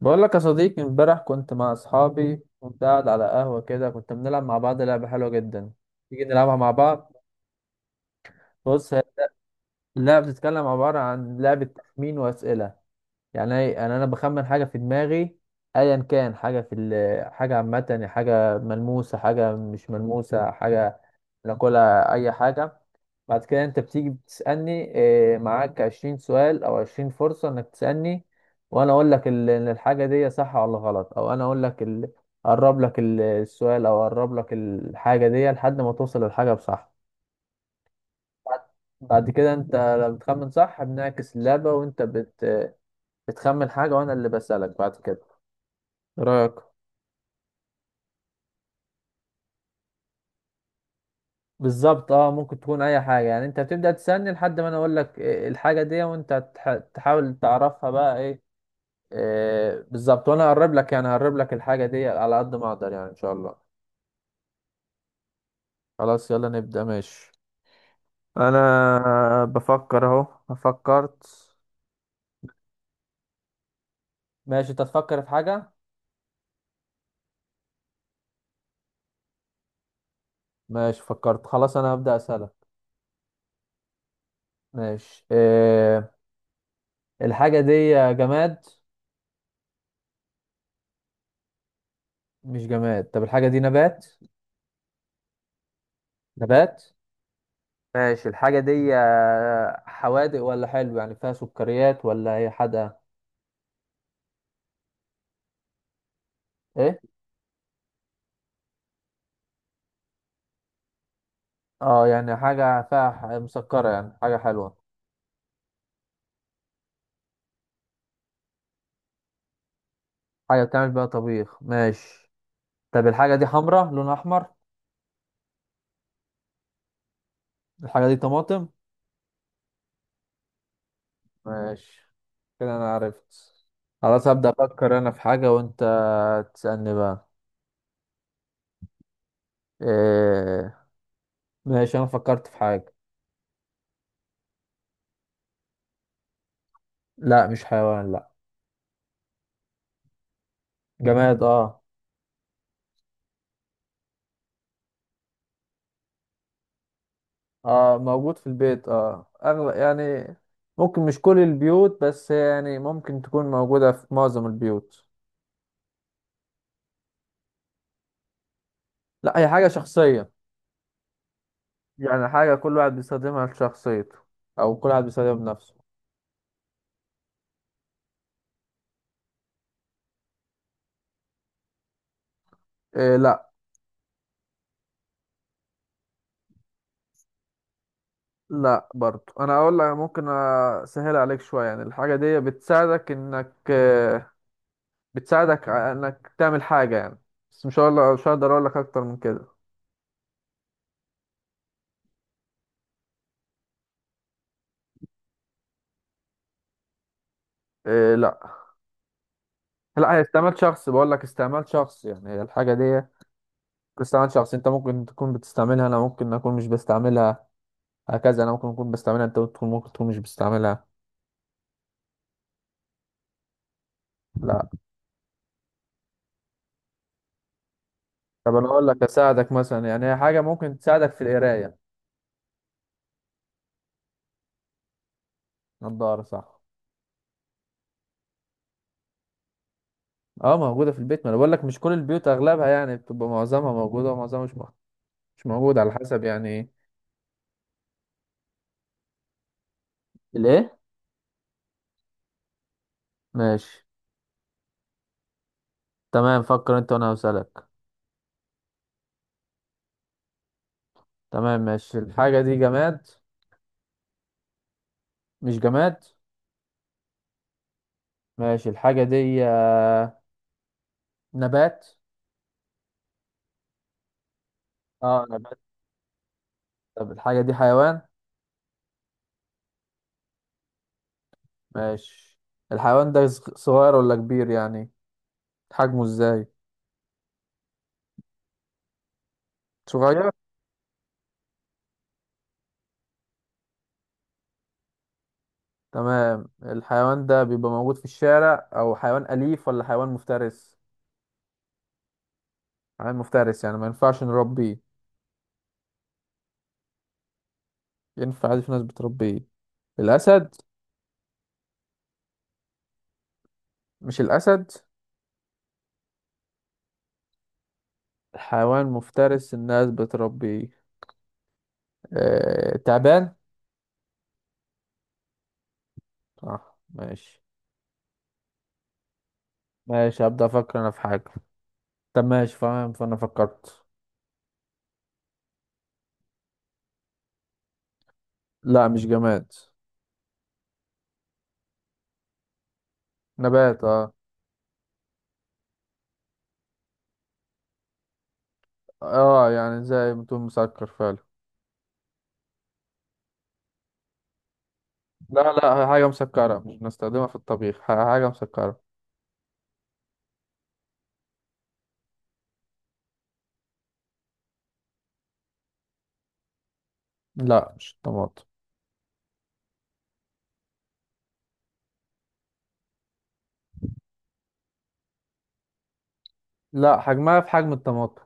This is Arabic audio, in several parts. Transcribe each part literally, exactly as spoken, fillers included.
بقول لك يا صديقي امبارح كنت مع اصحابي، كنت قاعد على قهوة كده، كنت بنلعب مع بعض لعبة حلوة جدا. تيجي نلعبها مع بعض. بص، هي اللعبة بتتكلم عبارة عن لعبة تخمين وأسئلة. يعني أي- يعني انا بخمن حاجه في دماغي، ايا كان حاجه في ال- حاجه عامه، يعني حاجه ملموسه، حاجه مش ملموسه، حاجه ناكلها، اي حاجه. بعد كده انت بتيجي بتسالني. آه، معاك عشرين سؤال او عشرين فرصه انك تسالني، وانا اقول لك ال- ان الحاجه دي صح ولا غلط، او انا اقول لك ال- اقرب لك ال- السؤال، او اقرب لك الحاجه دي لحد ما توصل للحاجه بصح. بعد بعد كده، انت لما بتخمن صح بنعكس اللعبه، وانت بت بتخمن حاجة وأنا اللي بسألك بعد كده. إيه رأيك؟ بالظبط، اه، ممكن تكون أي حاجة. يعني أنت بتبدأ تسألني لحد ما أنا أقول لك إيه، إيه الحاجة دي، وأنت تح- تحاول تعرفها بقى إيه, إيه بالظبط، وأنا هقرب لك، يعني هقرب لك الحاجة دي على قد ما أقدر، يعني إن شاء الله. خلاص، يلا نبدأ. ماشي، انا بفكر اهو. فكرت. ماشي، أنت تفكر في حاجة. ماشي، فكرت، خلاص أنا هبدأ أسألك. ماشي. إيه الحاجة دي، جماد؟ مش جماد. طب الحاجة دي نبات؟ نبات. ماشي الحاجة دي آه، حوادق ولا حلو، يعني فيها سكريات ولا هي حادقة؟ ايه. اه يعني حاجة فيها ح- مسكرة، يعني حاجة حلوة. حاجة بتعمل بيها طبيخ، ماشي. طب الحاجة دي حمرا، لونها أحمر؟ الحاجة دي طماطم. ماشي، كده أنا عرفت. خلاص، هبدأ أفكر أنا في حاجة وأنت تسألني بقى. إيه. ماشي، أنا فكرت في حاجة. لا مش حيوان، لا. جماد، اه. اه موجود في البيت، اه، اغلب يعني. ممكن مش كل البيوت، بس يعني ممكن تكون موجودة في معظم البيوت. لا، هي حاجة شخصية. يعني حاجة كل واحد بيستخدمها لشخصيته، او كل واحد بيستخدمها بنفسه. إيه، لا. لا برضو، انا اقول لك ممكن اسهل عليك شوية. يعني الحاجة دي بتساعدك انك آه، بتساعدك ع- انك تعمل حاجة يعني. بس مش هقول لك، مش هقدر اقول لك اكتر من كده. إيه، لا. لا، هي استعمال شخص، بقول لك استعمال شخص، يعني هي الحاجة دي استعمال شخصي. انت ممكن تكون بتستعملها، انا ممكن اكون مش بستعملها. هكذا، انا ممكن اكون بستعملها، انت تكون ممكن تكون مش بستعملها. لا. طب انا اقول لك اساعدك مثلا، يعني هي حاجه ممكن تساعدك في القرايه. نضاره، صح. اه موجوده في البيت، ما انا بقول لك مش كل البيوت، اغلبها يعني بتبقى، معظمها موجوده ومعظمها مش مو- مش موجوده، على حسب، يعني ايه. الايه؟ ماشي. تمام، فكر انت وانا هسألك. تمام. ماشي الحاجه دي جماد؟ مش جماد. ماشي الحاجه دي آه، نبات؟ اه نبات. طب الحاجه دي حيوان؟ ماشي. الحيوان ده صغ- صغير ولا كبير، يعني حجمه ازاي؟ صغير. تمام. الحيوان ده بيبقى موجود في الشارع، او حيوان اليف ولا حيوان مفترس؟ حيوان مفترس، يعني ما ينفعش نربيه؟ ينفع عادي، في ناس بتربيه. الاسد؟ مش الاسد. حيوان مفترس الناس بتربيه. آه... تعبان. صح، ماشي. ماشي، هبدأ افكر انا في حاجة. طب ماشي، فاهم، فانا فكرت. لا مش جماد. نبات، اه. اه يعني زي ما تقول مسكر فعلا. لا لا، حاجة مسكرة مش بنستخدمها في الطبيخ، ح- حاجة مسكرة. لا مش الطماطم. لا، حجمها في حجم الطماطم.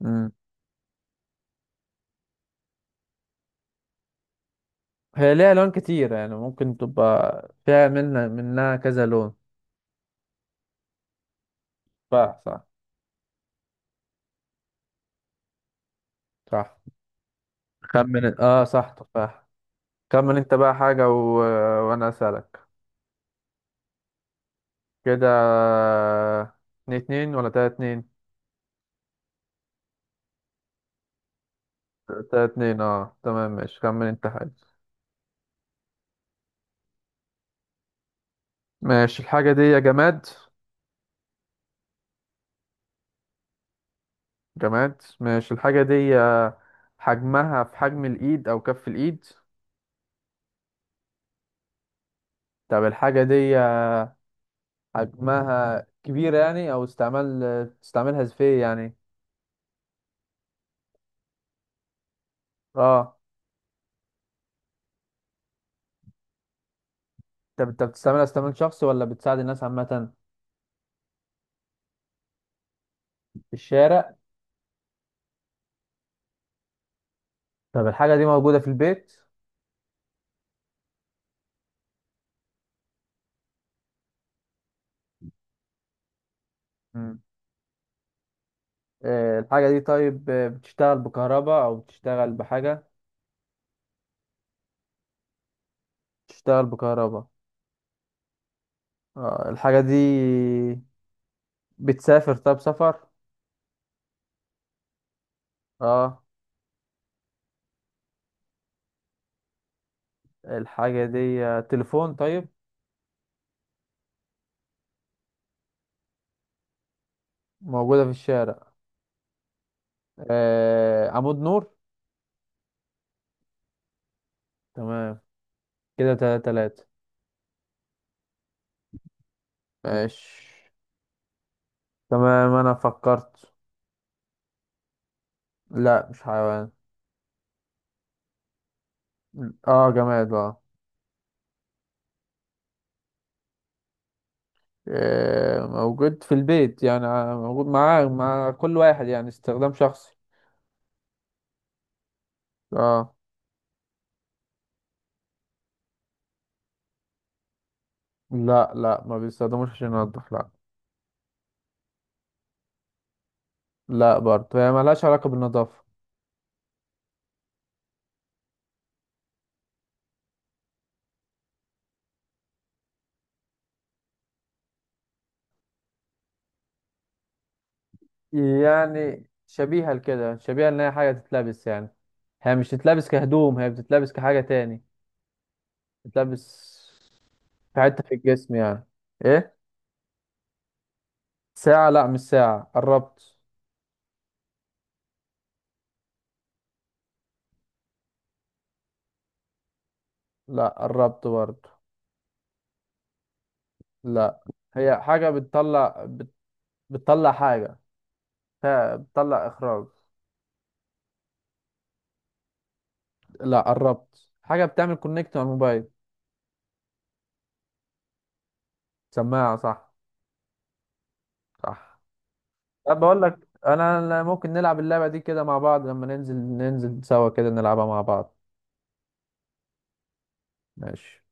مم. هي ليها لون كتير، يعني ممكن تبقى فيها منها منها كذا لون. تفاح، صح. صح. خمن إن- اه صح تفاح. خمن انت بقى حاجة و... وانا اسألك. كده. اتنين اتنين ولا تلاتة اتنين؟ تلاتة اتنين، اه، تمام. ماشي، خمن انت حاجة. ماشي الحاجة دي يا جماد. جماد، ماشي. الحاجة دي آه، حجمها في حجم الإيد أو كف الإيد؟ طب الحاجة دي آه، حجمها كبيرة يعني، أو استعمال، آه، بتستعملها في إيه يعني؟ اه. طب انت بتستعملها استعمال شخصي ولا بتساعد الناس عامة؟ في الشارع. طب الحاجة دي موجودة في البيت؟ مم. آه، الحاجة دي طيب، آه، بتشتغل بكهرباء أو بتشتغل بحاجة؟ بتشتغل بكهرباء. اه الحاجة دي بتسافر، طب سفر؟ اه. الحاجة دي آه، تليفون؟ طيب، موجودة في الشارع. آه، عمود نور؟ تمام. كده تلاتة تلاتة. ماشي. تمام، انا فكرت. لا مش حيوان. اه جماد، اه. آه، موجود في البيت، يعني آه، موجود مع مع كل واحد، يعني استخدام شخصي. اه. لا لا، ما بيستخدموش عشان ينضف، لا. لا برضه، هي ملهاش علاقة بالنظافة. يعني شبيهة لكده، شبيهة ان هي حاجة تتلبس يعني. هي مش تتلبس كهدوم، هي بتتلبس كحاجة تاني. تتلبس في حتة في الجسم يعني. ايه؟ ساعة؟ لا مش ساعة، قربت. لا، قربت برضه. لا، هي حاجة بتطلع بت... بتطلع حاجة، ف- بتطلع إخراج. لا، قربت، حاجة بتعمل كونكت على الموبايل. سماعة، صح. صح. طب بقول لك، أنا أنا ممكن نلعب اللعبة دي كده مع بعض لما ننزل ننزل سوا كده نلعبها مع بعض. ماشي.